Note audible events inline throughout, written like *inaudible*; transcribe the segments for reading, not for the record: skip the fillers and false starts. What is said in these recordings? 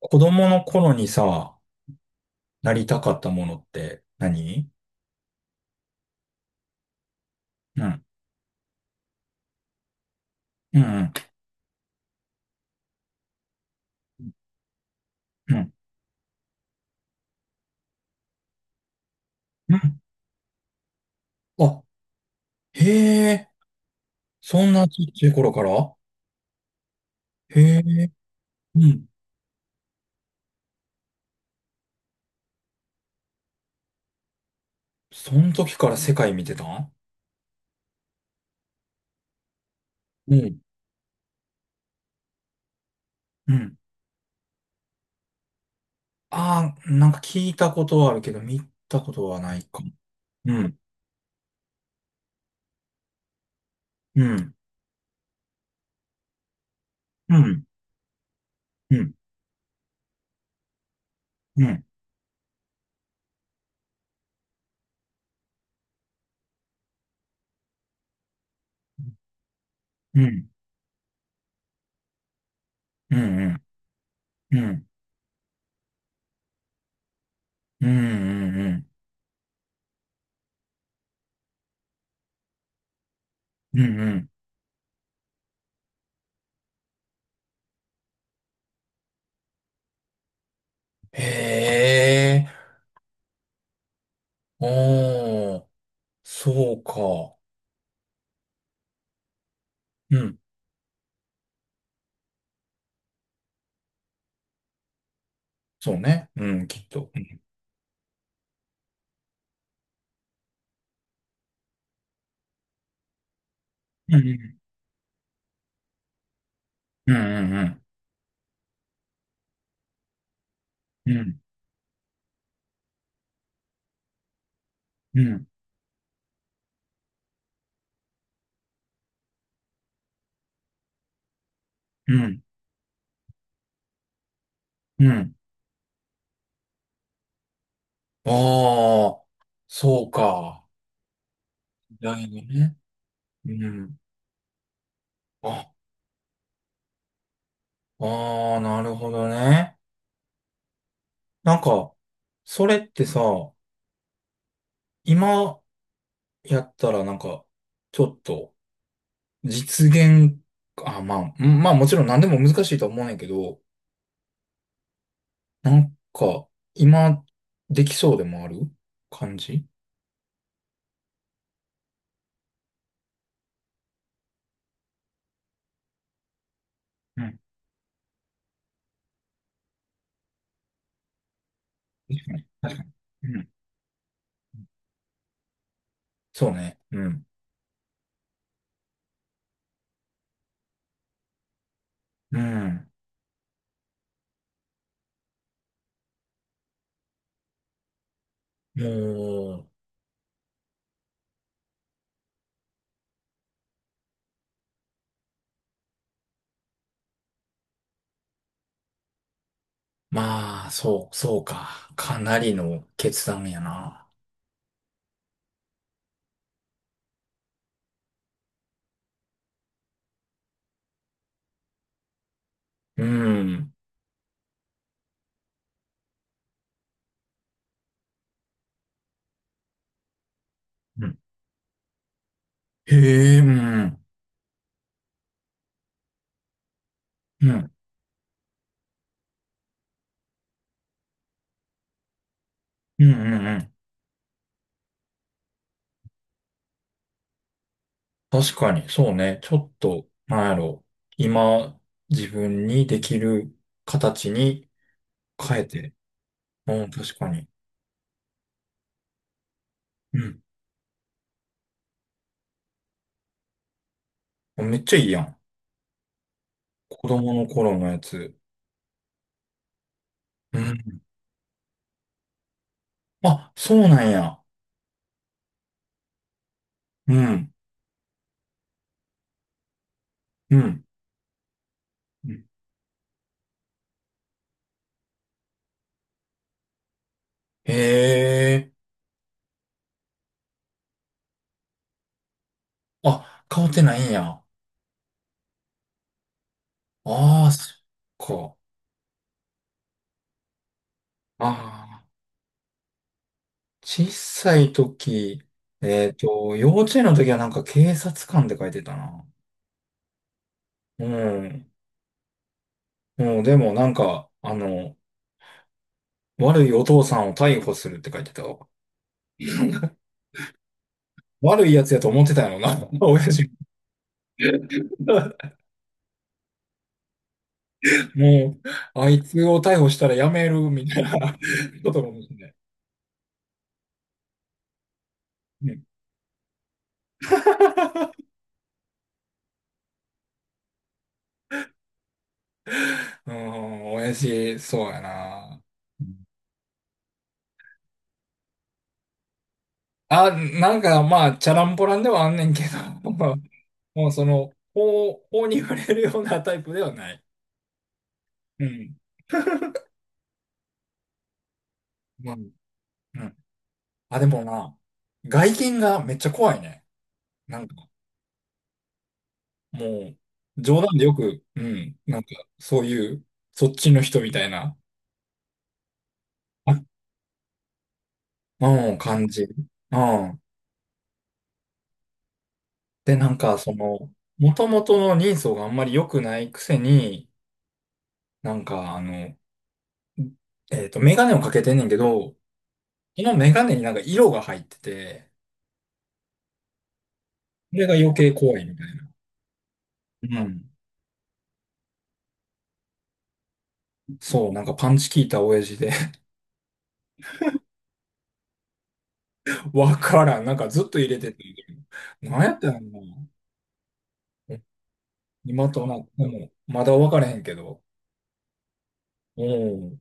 子供の頃にさ、なりたかったものって何？うん。うん。うんうん。うん、あ、へえ。そんなちっちゃい頃から。へえ。うん。そん時から世界見てたん？うん。うん。ああ、なんか聞いたことはあるけど、見たことはないかも。うん。うん。うん。うん。うん。うん。うん。うん。うん。うん。うん。うん。へえ。おー。そうか。うん。そうね。うん、きっと。うん、うん、うん、うん、うん、うん、うん。うん、ああ、そうか。時代のね。うん。あ、ああ、なるほどね。なんか、それってさ、今やったらなんか、ちょっと、実現、あ、まあ、うん、まあもちろん何でも難しいとは思うねんやけど、なんか、今、できそうでもある感じ。うん。確かに。そうね。うん。うん。もう、まあ、そう、そうか。かなりの決断やな。うん。うん。へえ、うん。うん。うん、うん、うん。確かに、そうね。ちょっと、なんやろ。今、自分にできる形に変えて。うん、確かに。うん。めっちゃいいやん。子供の頃のやつ。うん。あ、そうなんや。うん。うん。うん、へえ。あ、変わってないんや。ああ、そっか。ああ、小さい時、幼稚園の時はなんか警察官って書いてたな。うん。うん、でもなんか、悪いお父さんを逮捕するって書いてたわ。悪いやつやと思ってたよな、*laughs* 親父。もう、あいつを逮捕したらやめるみたいなことかもしれない。うん、うん、親父、そうやな。あ、なんかまあ、チャランポランではあんねんけど。*laughs* もうその、法に触れるようなタイプではない。うん。うん。うん。あ、でもな、外見がめっちゃ怖いね。なんか、もう、冗談でよく、うん、なんか、そういう、そっちの人みたいな、あ、うん、感じ。うん。で、なんか、その、もともとの人相があんまり良くないくせに、なんか、メガネをかけてんねんけど、そのメガネになんか色が入ってて、それが余計怖いみたいな。うん。そう、なんかパンチ効いた親父で。 *laughs* わからん。なんかずっと入れてて。なんやってんの。今となっても、まだわからへんけど。うん。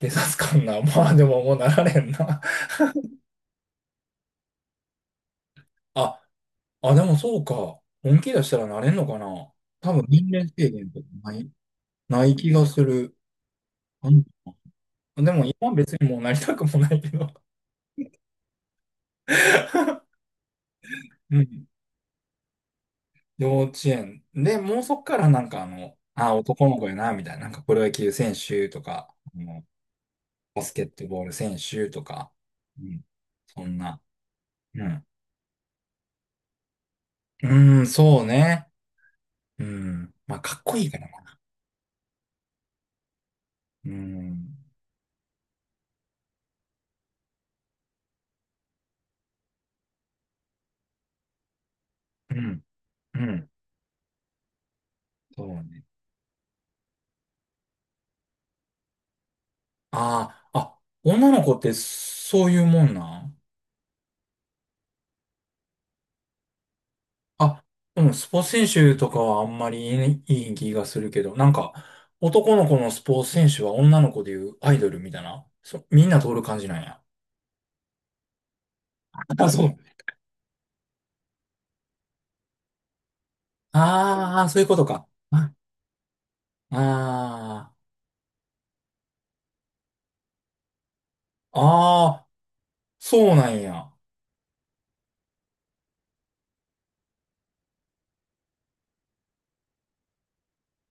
警察官な。*laughs* まあでももうなられんな。*laughs* あ、あ、でもそうか。本気出したらなれんのかな。多分年齢制限とかない、ない気がする。あん、でも今別にもうなりたくもないけど。*laughs* うん。幼稚園。で、もうそっからなんかあ、男の子やな、みたいな。なんかプロ野球選手とか、あの、バスケットボール選手とか、うん、そんな、うん。うーん、そうね。うん。まあ、かっこいいからな。うん。うん。うん。そうね。ああ、あ、女の子ってそういうもんなん？あ、うん、スポーツ選手とかはあんまりいい気がするけど、なんか、男の子のスポーツ選手は女の子でいうアイドルみたいな。そ、みんな通る感じなんや。*laughs* あ、そう。ああ、そういうことか。ああ、あーあー、そうなんや。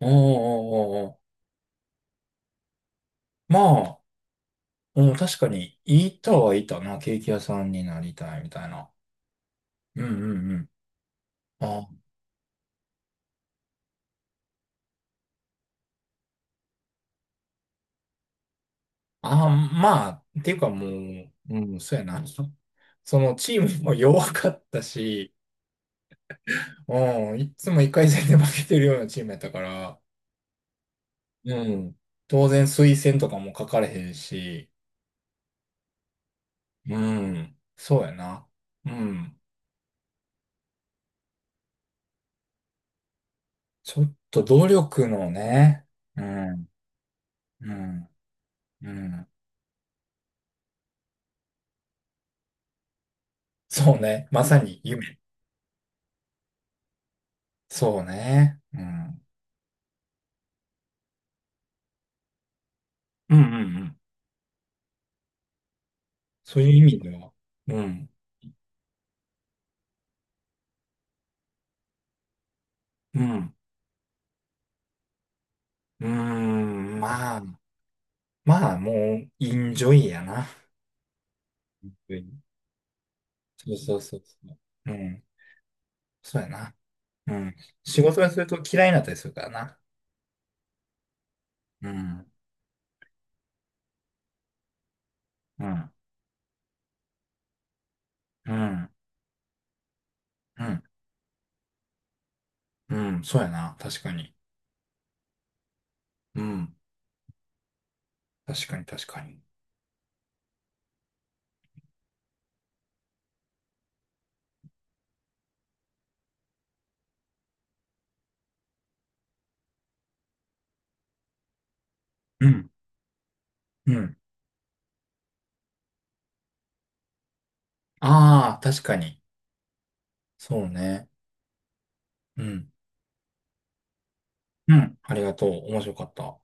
おーおーおーおー。まあ、うん、確かに、いたはいたな。ケーキ屋さんになりたいみたいな。うんうんうん。あ、あ、まあ、っていうかもう、うん、そうやな。そのチームも弱かったし、うん、いつも1回戦で負けてるようなチームやったから、うん、当然推薦とかも書かれへんし、うん、そうやな。うん、ちょっと努力のね、うん、うん、うん。そうね。まさに夢。そうね。うん。うんうんうん。そういう意味では、うん。うん。うん。うーん。まあ、まあ、もう、インジョイやな。うん、そうそうそうそう。うん。そうやな。うん。仕事がすると嫌いになったりするからな。うん。うん。うん。うん。うん。そうやな。確かに。うん。確かに、確かに。うん。うん。ああ、確かに。そうね。うん。うん。ありがとう。面白かった。